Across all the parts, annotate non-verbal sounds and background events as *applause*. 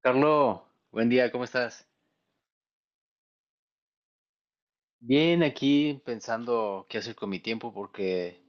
Carlos, buen día, ¿cómo estás? Bien, aquí pensando qué hacer con mi tiempo porque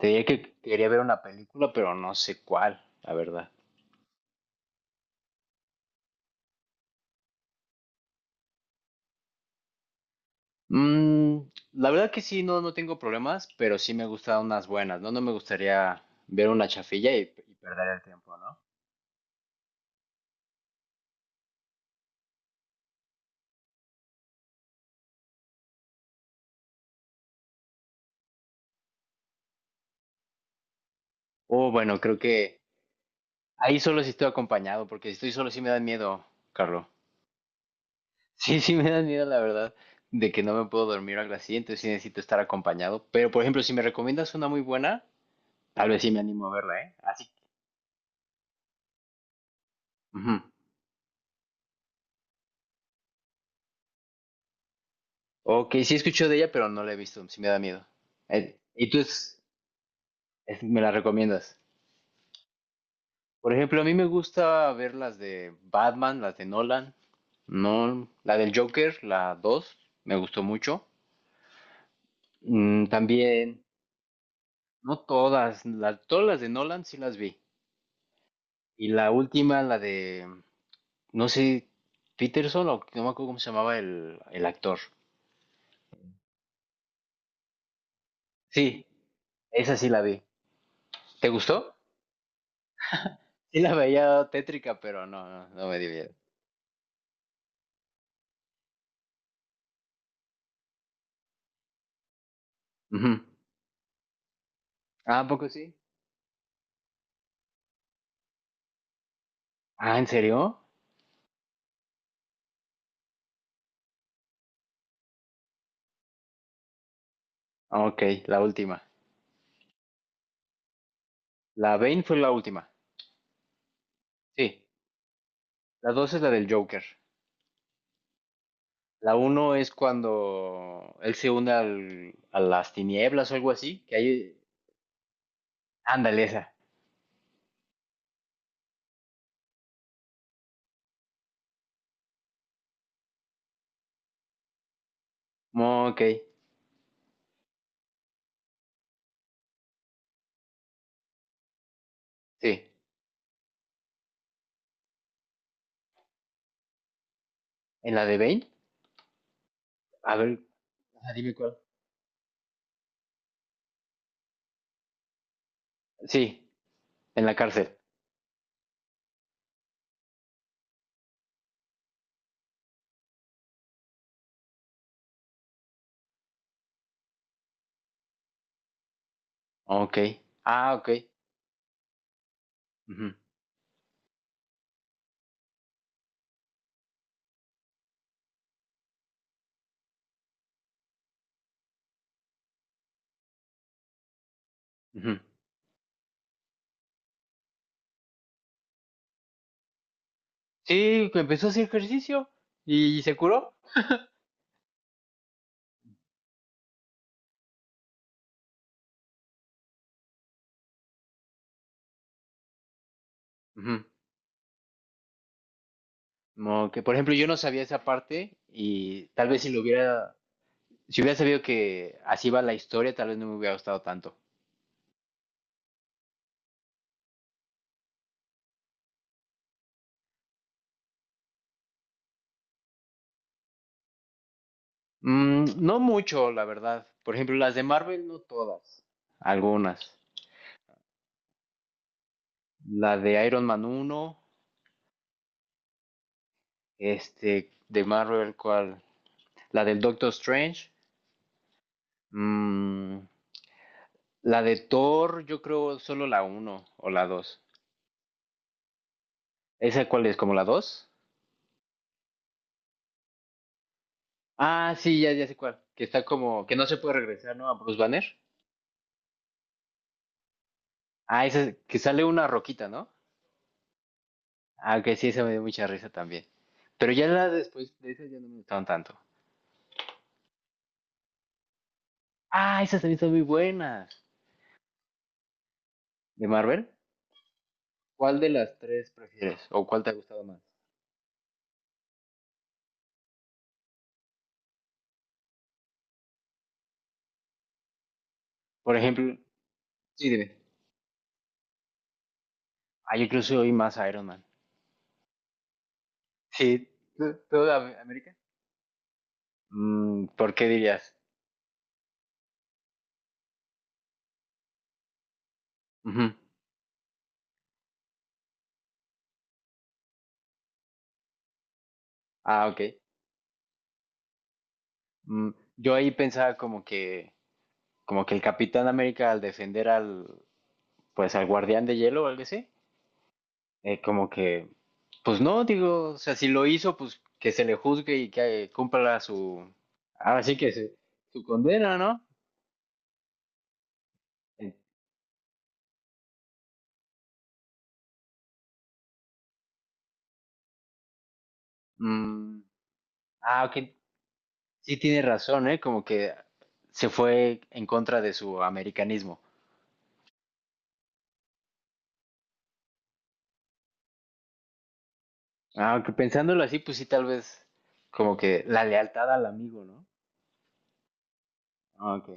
te diría que quería ver una película, pero no sé cuál, la verdad. Mm, la verdad que sí, no, no tengo problemas, pero sí me gustan unas buenas, ¿no? No me gustaría ver una chafilla y perder el tiempo, ¿no? O bueno, creo que ahí solo si estoy acompañado, porque si estoy solo sí me da miedo, Carlos. *laughs* Sí, sí me da miedo, la verdad, de que no me puedo dormir o algo así, entonces sí necesito estar acompañado. Pero, por ejemplo, si me recomiendas una muy buena. Tal vez sí me animo a verla, ¿eh? Así. Ujú. Ok, sí escucho de ella, pero no la he visto, sí me da miedo. ¿Y tú me la recomiendas? Por ejemplo, a mí me gusta ver las de Batman, las de Nolan, no, la del Joker, la 2 me gustó mucho. También, no todas, todas las de Nolan sí las vi. Y la última, la de, no sé, Peterson o no me acuerdo cómo se llamaba el actor. Sí, esa sí la vi. ¿Te gustó? Sí la veía tétrica, pero no, no, no me dio miedo. Ujú. Ah, ¿a poco sí? Ah, ¿en serio? Ah, ok, la última. La Bane fue la última. Sí. La dos es la del Joker. La uno es cuando él se une al, a las tinieblas o algo así. Que hay. Ándale, esa. Mm, ok, sí. ¿En la de Bane? A ver, ajá, dime cuál. Sí, en la cárcel. Oh, ok. Ah, ok. Ujú, ujú. Sí, que empezó a hacer ejercicio y se curó. Ujú. Como que, por ejemplo, yo no sabía esa parte y tal vez si hubiera sabido que así va la historia, tal vez no me hubiera gustado tanto. No mucho, la verdad. Por ejemplo, las de Marvel, no todas, algunas. La de Iron Man uno este, de Marvel, ¿cuál? La del Doctor Strange, mm, la de Thor, yo creo solo la uno o la dos. ¿Esa cuál es? ¿Como la dos? Ah, sí, ya, ya sé cuál. Que está como, que no se puede regresar, ¿no? A Bruce Banner. Ah, ese que sale una roquita, ¿no? Ah, ok, sí, esa me dio mucha risa también. Pero ya la después de esas ya no me gustaron tanto. Ah, esas también son muy buenas. ¿De Marvel? ¿Cuál de las tres prefieres? ¿O cuál te ha gustado más? Por ejemplo, sí, dime. Ah, yo creo que soy más Iron Man. Sí, ¿tú, tú de América? ¿Por qué dirías? Ujú. Ah, ok. Mm, yo ahí pensaba como que el Capitán América al defender al, pues al Guardián de Hielo o algo así, como que, pues no, digo, o sea, si lo hizo, pues que se le juzgue y que cumpla su, ahora sí que su condena, ¿no? Eh, mm, ok, sí tiene razón, ¿eh? Como que se fue en contra de su americanismo. Aunque pensándolo así, pues sí, tal vez como que la lealtad al amigo, ¿no? Ah, ok.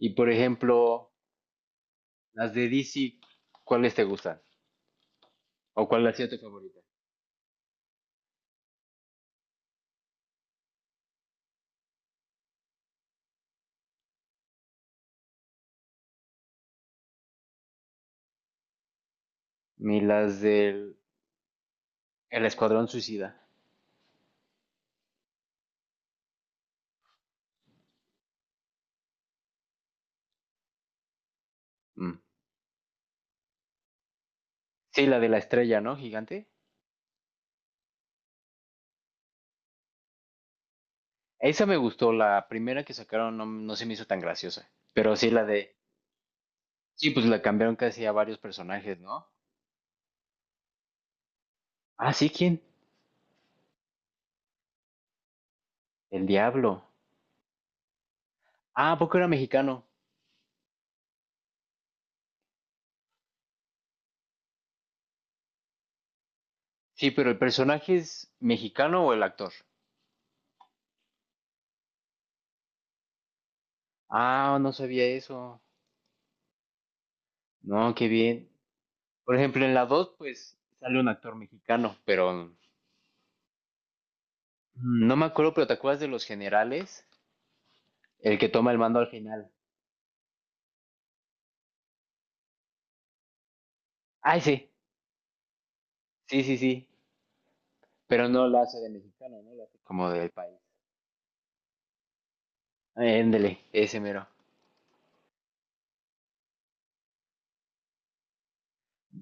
Y por ejemplo, las de DC, ¿cuáles te gustan? ¿O cuál ha sido tu favorita? Las del El Escuadrón Suicida. Mm. Sí, la de la estrella, ¿no? Gigante. Esa me gustó, la primera que sacaron no, no se me hizo tan graciosa. Pero sí, la de. Sí, pues la cambiaron casi a varios personajes, ¿no? Ah, sí, ¿quién? El diablo. Ah, ¿a poco era mexicano? Sí, pero el personaje es mexicano o el actor. Ah, no sabía eso. No, qué bien. Por ejemplo, en la 2, pues sale un actor mexicano, pero no me acuerdo, pero ¿te acuerdas de los generales? El que toma el mando al final. Ah, sí, sí, sí, sí. Pero no la hace de mexicano, ¿no? La hace como del país. Éndele, ese mero.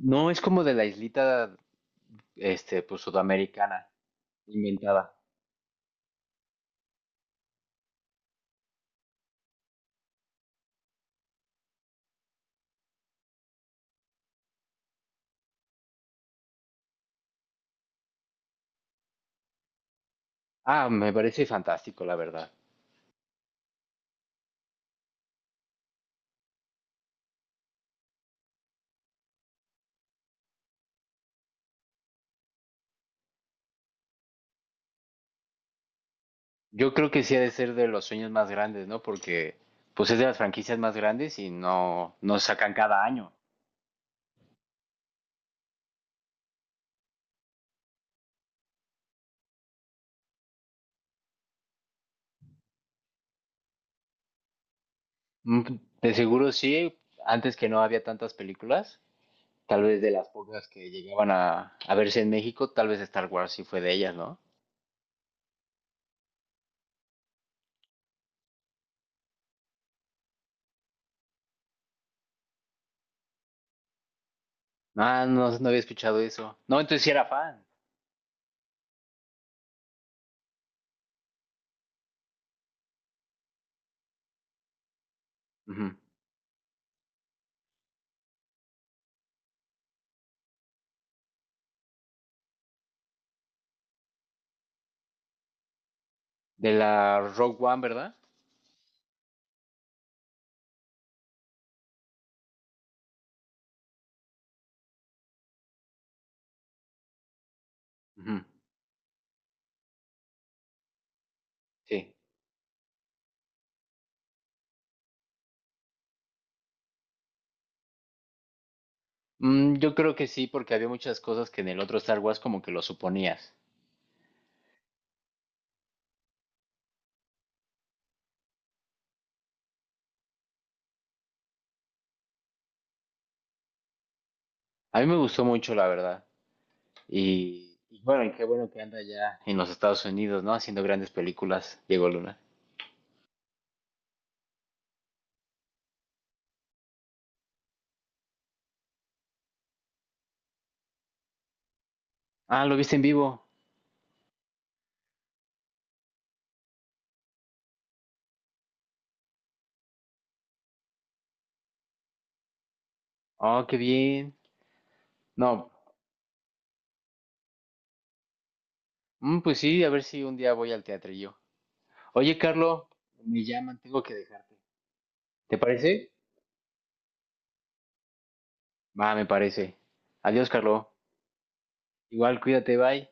No, es como de la islita, este, pues sudamericana, inventada. Ah, me parece fantástico, la verdad. Yo creo que sí ha de ser de los sueños más grandes, ¿no? Porque, pues es de las franquicias más grandes y no, no sacan cada año. Mm, De seguro sí, antes que no había tantas películas, tal vez de las pocas que llegaban a verse en México, tal vez Star Wars sí fue de ellas, ¿no? Ah, no, no había escuchado eso. No, entonces sí era fan. Ujú. De la Rogue One, ¿verdad? Ujú. Sí. Yo creo que sí, porque había muchas cosas que en el otro Star Wars como que lo suponías. A mí me gustó mucho, la verdad. Y bueno, y qué bueno que anda ya en los Estados Unidos, ¿no? Haciendo grandes películas, Diego Luna. Ah, ¿lo viste en vivo? Oh, qué bien. No, pues sí, a ver si un día voy al teatrillo. Oye, Carlo, me llaman, tengo que dejarte. ¿Te parece? Va, me parece. Adiós, Carlo. Igual, cuídate, bye.